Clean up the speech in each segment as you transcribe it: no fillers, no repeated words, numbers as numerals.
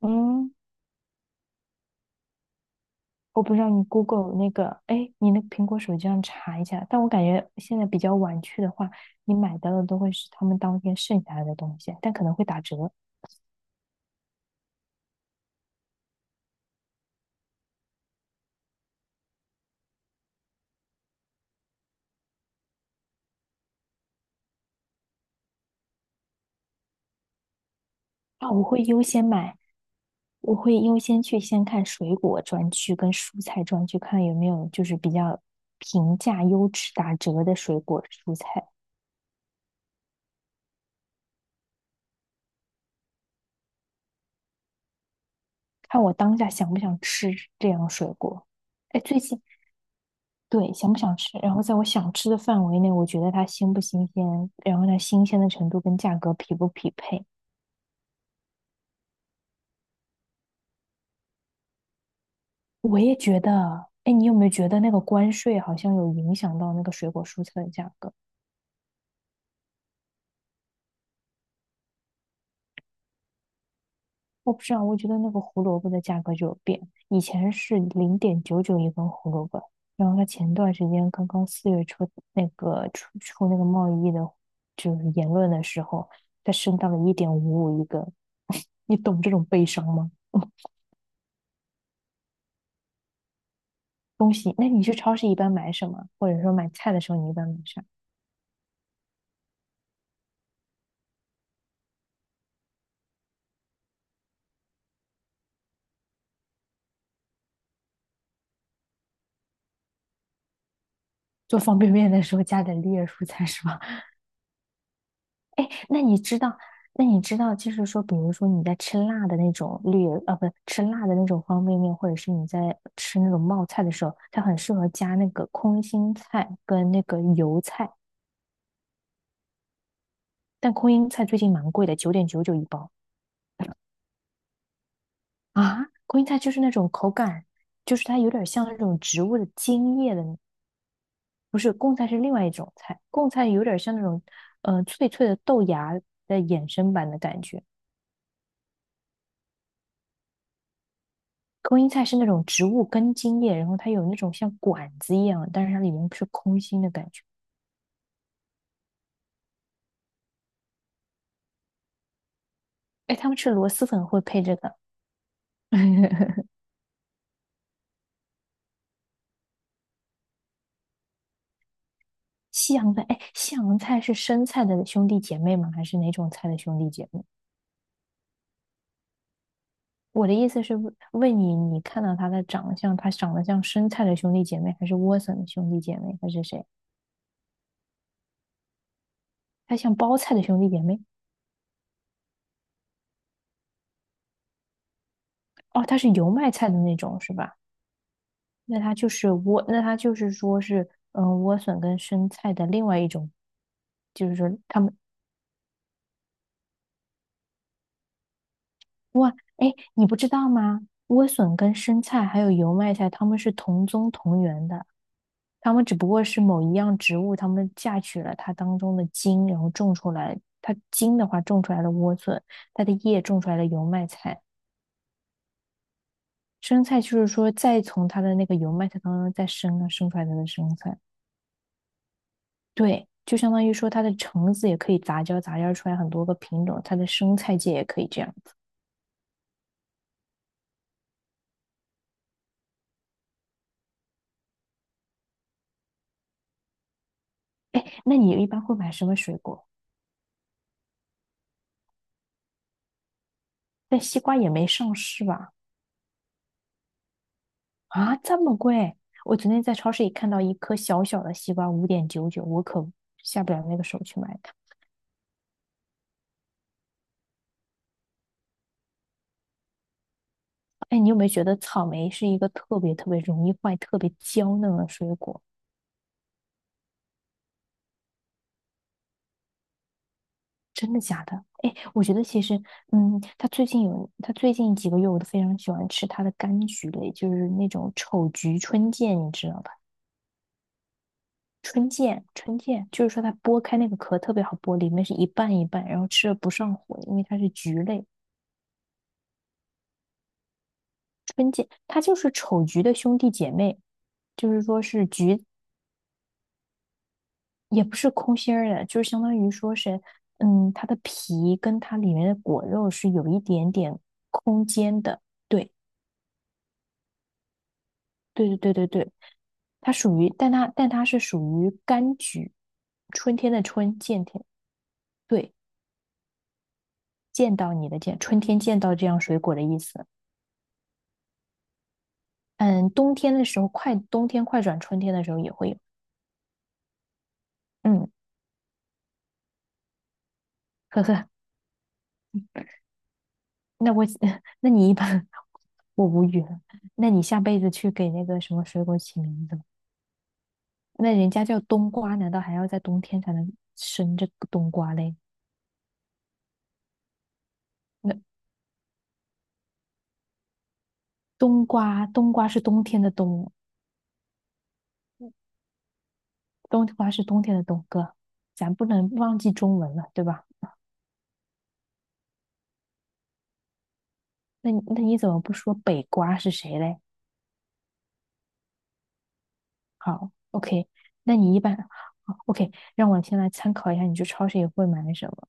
嗯，我不知道你 Google 那个，哎，你那个苹果手机上查一下。但我感觉现在比较晚去的话，你买到的都会是他们当天剩下来的东西，但可能会打折。啊，我会优先买，我会优先去先看水果专区跟蔬菜专区，看有没有就是比较平价、优质、打折的水果蔬菜，看我当下想不想吃这样水果。哎，最近对，想不想吃？然后在我想吃的范围内，我觉得它新不新鲜，然后它新鲜的程度跟价格匹不匹配。我也觉得，哎，你有没有觉得那个关税好像有影响到那个水果蔬菜的价格？我不知道，我觉得那个胡萝卜的价格就有变，以前是0.99一根胡萝卜，然后它前段时间刚刚4月初那个出那个贸易的，就是言论的时候，它升到了1.55一根，你懂这种悲伤吗？东西，那你去超市一般买什么？或者说买菜的时候，你一般买啥？做方便面的时候加点绿叶蔬菜是吧？哎，那你知道，那你知道，就是说，比如说你在吃辣的那种绿叶，啊，不，吃辣的那种方便面，或者是你在吃那种冒菜的时候，它很适合加那个空心菜跟那个油菜。但空心菜最近蛮贵的，9.99一包。啊！空心菜就是那种口感，就是它有点像那种植物的茎叶的。不是贡菜，是另外一种菜，贡菜有点像那种脆脆的豆芽的衍生版的感觉。空心菜是那种植物根茎叶，然后它有那种像管子一样，但是它里面是空心的感觉。哎，他们吃螺蛳粉会配这个。西洋菜，哎，西洋菜是生菜的兄弟姐妹吗？还是哪种菜的兄弟姐妹？我的意思是问你，你看到它的长相，它长得像生菜的兄弟姐妹，还是莴笋的兄弟姐妹，还是谁？它像包菜的兄弟姐妹？哦，它是油麦菜的那种是吧？那它就是莴，那它就是说是，莴笋跟生菜的另外一种，就是说它们，哇，哎，你不知道吗？莴笋跟生菜还有油麦菜，它们是同宗同源的，它们只不过是某一样植物，它们嫁娶了它当中的茎，然后种出来，它茎的话种出来了莴笋，它的叶种出来了油麦菜，生菜就是说再从它的那个油麦菜当中再生啊，生出来的那生菜。对，就相当于说它的橙子也可以杂交，杂交出来很多个品种，它的生菜界也可以这样子。哎，那你一般会买什么水果？但西瓜也没上市吧？啊，这么贵！我昨天在超市里看到一颗小小的西瓜，5.99，我可下不了那个手去买它。哎，你有没有觉得草莓是一个特别特别容易坏、特别娇嫩的水果？真的假的？哎，我觉得其实，嗯，他最近有，他最近几个月我都非常喜欢吃他的柑橘类，就是那种丑橘春见，你知道吧？春见，春见，就是说它剥开那个壳特别好剥，里面是一半一半，然后吃了不上火，因为它是橘类，它就是丑橘的兄弟姐妹，就是说是橘，也不是空心儿的，就是相当于说是，嗯，它的皮跟它里面的果肉是有一点点空间的。对。对对对对对，它属于，但它是属于柑橘，春天的春，见天，对，见到你的见，春天见到这样水果的意思。嗯，冬天的时候快，冬天快转春天的时候也会有。嗯，呵呵，那我 那你一般我无语了。那你下辈子去给那个什么水果起名字吧。那人家叫冬瓜，难道还要在冬天才能生这个冬瓜嘞？那冬瓜，冬瓜是冬天的冬，冬瓜是冬天的冬哥，咱不能忘记中文了，对吧？那你怎么不说北瓜是谁嘞？好，OK,那你一般好，OK，让我先来参考一下，你去超市也会买什么？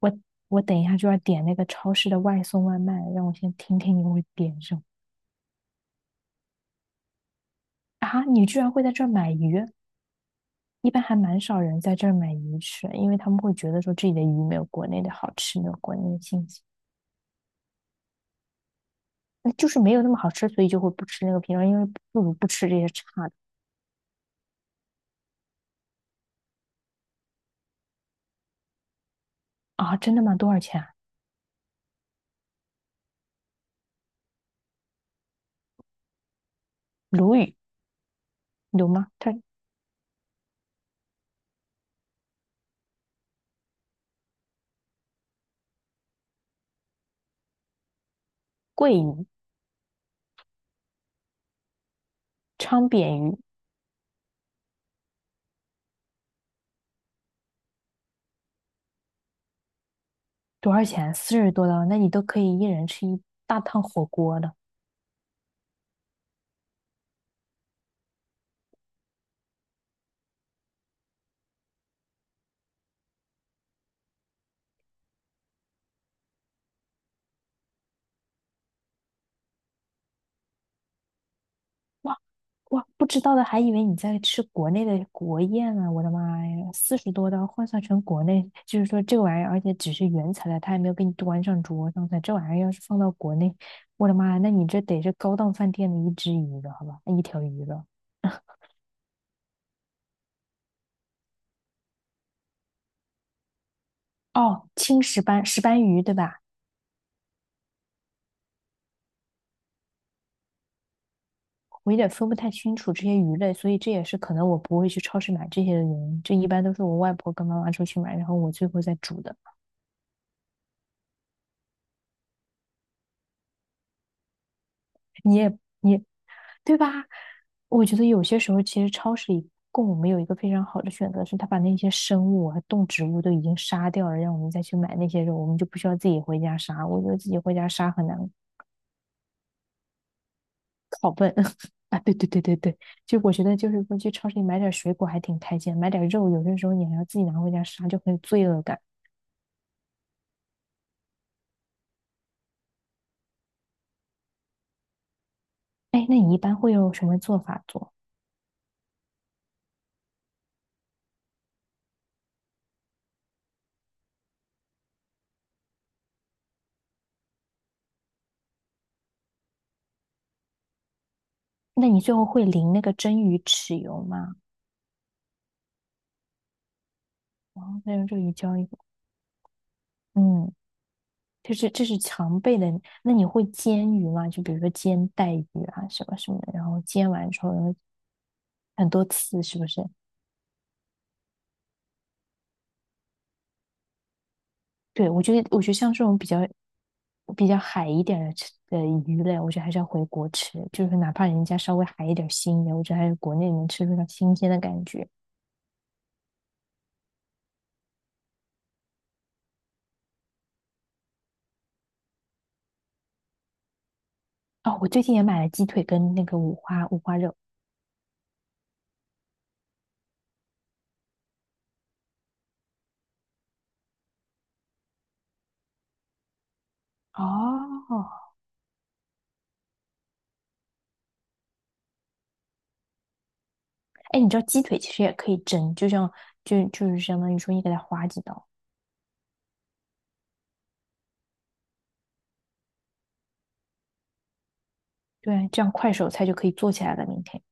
我我等一下就要点那个超市的外送外卖，让我先听听你会点什么。啊？你居然会在这儿买鱼？一般还蛮少人在这儿买鱼吃，因为他们会觉得说这里的鱼没有国内的好吃，没有国内的新鲜，那就是没有那么好吃，所以就会不吃那个品种，因为不如不吃这些差的。啊，真的吗？多少钱啊？鲈鱼。有吗？它。桂鱼、昌扁鱼。多少钱啊？四十多刀，那你都可以一人吃一大趟火锅了。哇，哇，不知道的还以为你在吃国内的国宴呢、我的妈呀，四十多刀换算成国内，就是说这玩意儿，而且只是原材料，他还没有给你端上桌上菜。这玩意儿要是放到国内，我的妈呀，那你这得是高档饭店的一只鱼了，好吧？一条鱼了。哦，青石斑石斑鱼对吧？我有点分不太清楚这些鱼类，所以这也是可能我不会去超市买这些的原因。这一般都是我外婆跟妈妈出去买，然后我最后再煮的。你也对吧？我觉得有些时候其实超市里供我们有一个非常好的选择，是他把那些生物和动植物都已经杀掉了，让我们再去买那些肉，我们就不需要自己回家杀。我觉得自己回家杀很难拷笨。 啊！对对对对对，就我觉得就是说去超市里买点水果还挺开心，买点肉有些时候你还要自己拿回家杀，就很有罪恶感。哎，那你一般会用什么做法做？那你最后会淋那个蒸鱼豉油吗？然后再用这个鱼浇一锅。嗯，就是这是常备的。那你会煎鱼吗？就比如说煎带鱼啊，什么什么的，然后煎完之后然后很多次，是不是？对，我觉得我觉得像这种比较比较海一点的吃的鱼类，我觉得还是要回国吃，就是哪怕人家稍微海一点、腥一点，我觉得还是国内能吃出它新鲜的感觉。哦，我最近也买了鸡腿跟那个五花肉。哦，哎，你知道鸡腿其实也可以蒸，就像就就是相当于说你给它划几刀，对，这样快手菜就可以做起来了。明天